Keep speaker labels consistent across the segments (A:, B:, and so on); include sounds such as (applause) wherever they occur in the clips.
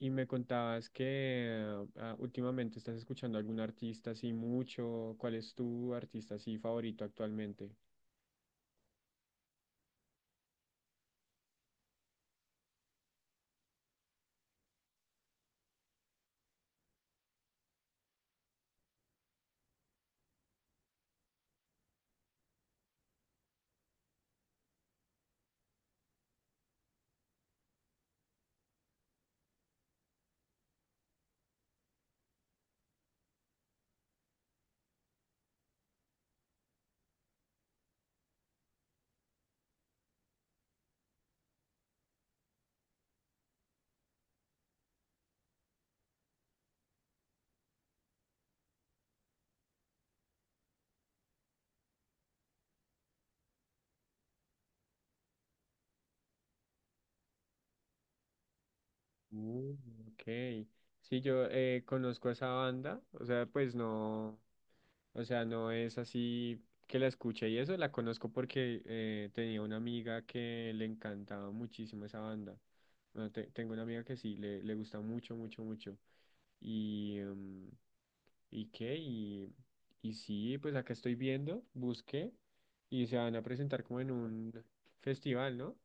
A: Y me contabas que últimamente estás escuchando algún artista así mucho. ¿Cuál es tu artista así favorito actualmente? Uh, ok. Sí, yo conozco a esa banda. O sea, pues no. O sea, no es así que la escuche y eso, la conozco porque tenía una amiga que le encantaba muchísimo esa banda. Bueno, tengo una amiga que sí, le gusta mucho, mucho, mucho. Y, ¿y qué? Y sí, pues acá estoy viendo, busqué y se van a presentar como en un festival, ¿no?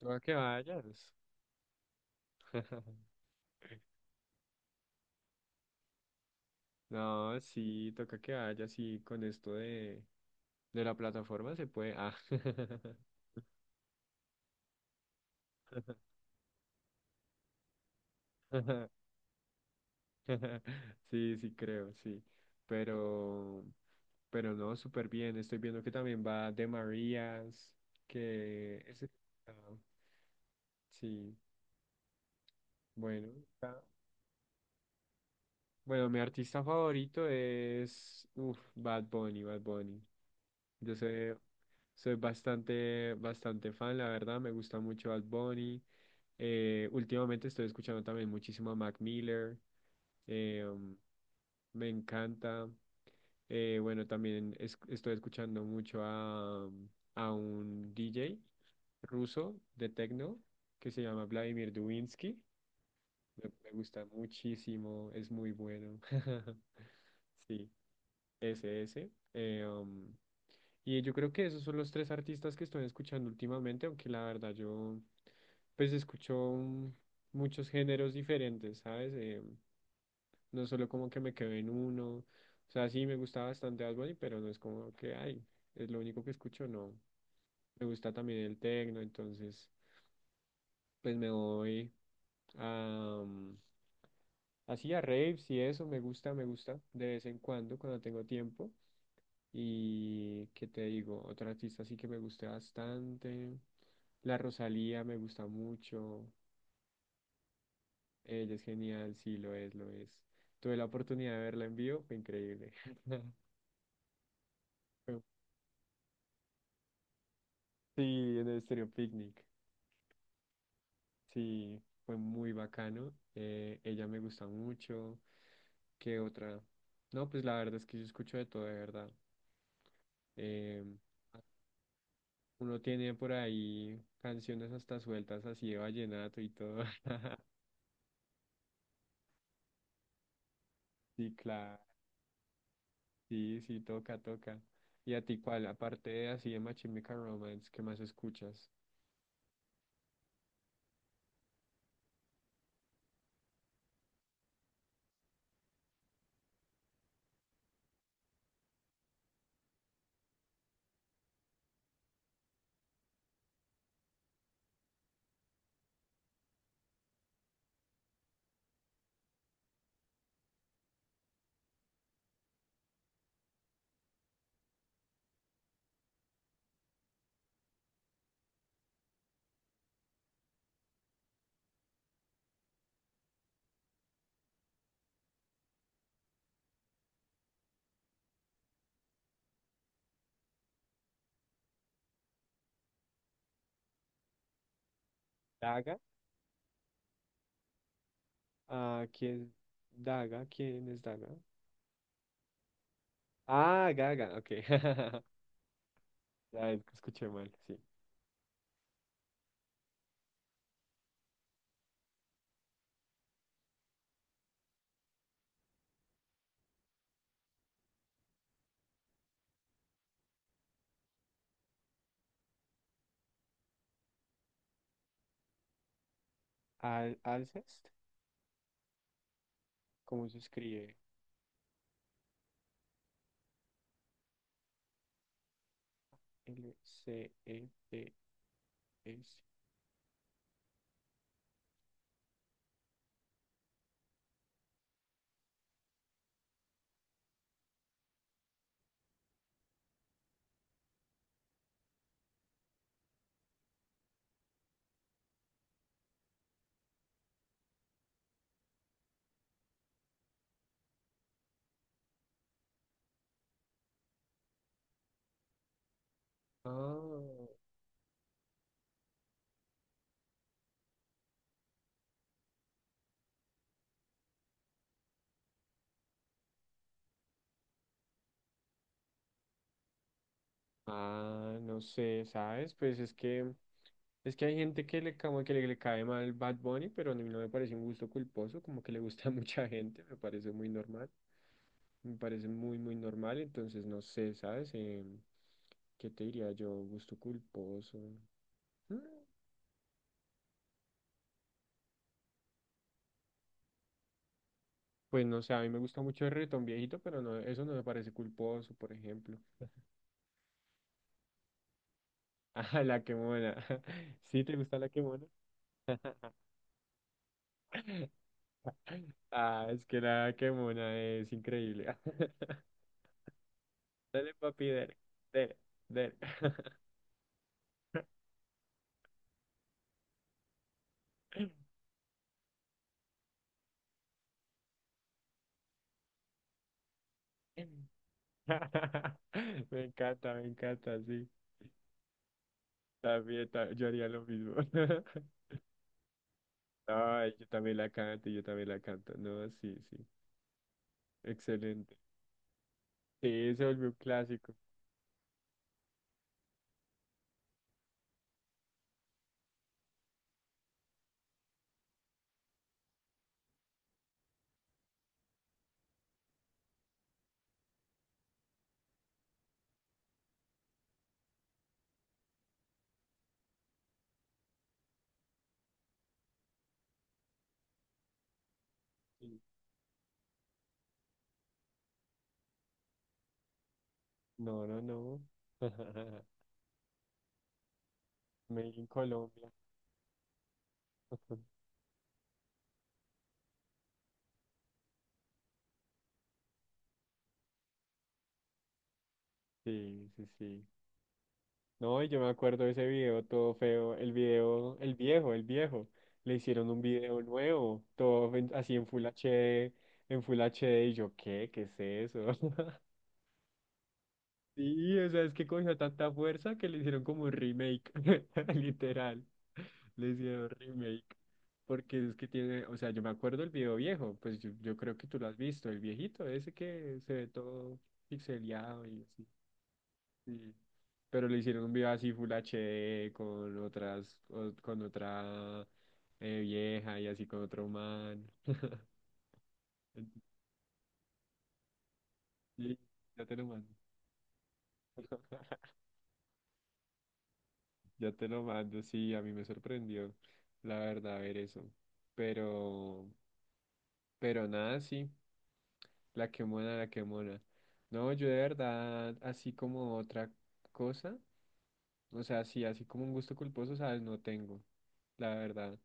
A: Toca que vayas. (laughs) No, sí, toca que vayas y con esto de la plataforma se puede. Ah. (laughs) (laughs) Sí, sí creo, sí. Pero, pero no, súper bien. Estoy viendo que también va de Marías, que ah, sí, bueno. está- Bueno, mi artista favorito es uf, Bad Bunny, Bad Bunny. Yo soy, Soy bastante, bastante fan, la verdad. Me gusta mucho Bad Bunny. Últimamente estoy escuchando también muchísimo a Mac Miller. eh, um, Me encanta. Bueno, también estoy escuchando mucho a, a un DJ ruso de techno que se llama Vladimir Dubinsky. Me gusta muchísimo, es muy bueno. (laughs) Sí. Ese, ese. Y yo creo que esos son los tres artistas que estoy escuchando últimamente, aunque la verdad yo pues escucho muchos géneros diferentes, ¿sabes? No solo como que me quedo en uno. O sea, sí me gusta bastante Bad Bunny, pero no es como que, ay, es lo único que escucho, no. Me gusta también el techno, entonces pues me voy a... Así a raves y eso me gusta de vez en cuando cuando tengo tiempo. Y qué te digo, otra artista sí que me guste bastante. La Rosalía me gusta mucho. Ella es genial, sí, lo es, lo es. Tuve la oportunidad de verla en vivo, fue increíble. (laughs) Fue- Sí, en el Estéreo Picnic. Sí, fue muy bacano. Ella me gusta mucho. ¿Qué otra? No, pues la verdad es que yo escucho de todo, de verdad. Eh, Uno tiene por ahí canciones hasta sueltas así de vallenato y todo. (laughs) Sí, claro. Sí, sí, toca, toca. ¿Y a ti cuál? Aparte de así de My Chemical Romance, ¿qué más escuchas? Daga. Ah, ¿quién? Daga, ¿quién es Daga? Ah, Gaga, ok. (laughs) Ya es que escuché mal, sí. Al Alcest. ¿Cómo se escribe? L-C-E-T-S. Ah, no sé, ¿sabes? Pues es que hay gente que le como que le cae mal Bad Bunny, pero a mí no me parece un gusto culposo, como que le gusta (laughs) a mucha gente, me parece muy normal. Me parece muy, muy normal, entonces no sé, ¿sabes? ¿Qué te diría yo? Gusto culposo. Mm, Pues no sé, a mí me gusta mucho el reggaetón viejito, pero no, eso no me parece culposo, por ejemplo. (laughs) Ah, la quemona. (laughs) ¿Sí te gusta la quemona? (laughs) Ah, es que la quemona es increíble. (laughs) Dale, papi, dale, dale, dale. (laughs) (laughs) Me encanta, sí. También, yo haría lo mismo. (laughs) Ay, yo también la canto, yo también la canto. No, sí, sí. Excelente. Sí, se volvió un clásico. Sí. No, no, no. (laughs) Made in Colombia. (laughs) Sí, sí, sí. No, y yo me acuerdo de ese video todo feo. El video, el viejo, el viejo. Le hicieron un video nuevo, todo así en Full HD, en Full HD. Y yo, ¿qué? ¿Qué es eso? Sí, o sea, es que cogió tanta fuerza que le hicieron como un remake, (laughs) literal. Le hicieron remake. Porque es que tiene, o sea, yo me acuerdo el video viejo, pues yo creo que tú lo has visto, el viejito, ese que se ve todo pixeleado y así. Sí. Pero le hicieron un video así Full HD con otras, con otra vieja y así con otro man. Entonces, sí, ya te lo mando. Ya te lo mando, sí, a mí me sorprendió, la verdad, ver eso. Pero, pero nada, sí, la que mona, la que mona. No, yo de verdad, así como otra cosa, o sea, sí, así como un gusto culposo, sabes, no tengo, la verdad.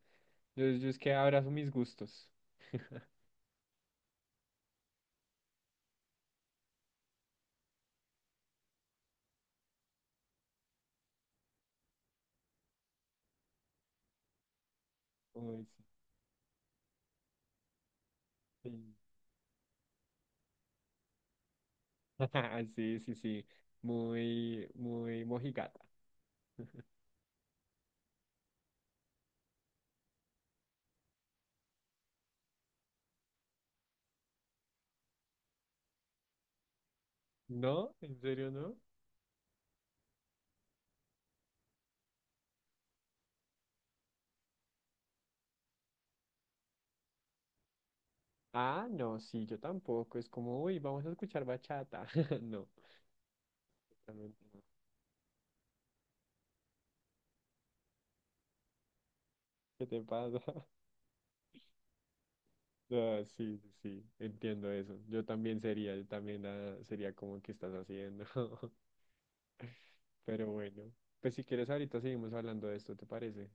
A: Yo es que abrazo mis gustos. Uy, sí. (laughs) Sí, sí, sí, muy, muy mojigata. ¿No? ¿En serio no? Ah, no, sí, yo tampoco. Es como, uy, vamos a escuchar bachata. (laughs) No. Realmente no. ¿Qué te pasa? (laughs) Ah, sí, sí, sí, entiendo eso. Yo también sería, yo también sería como que estás haciendo. (laughs) Pero bueno, pues si quieres ahorita seguimos hablando de esto, ¿te parece?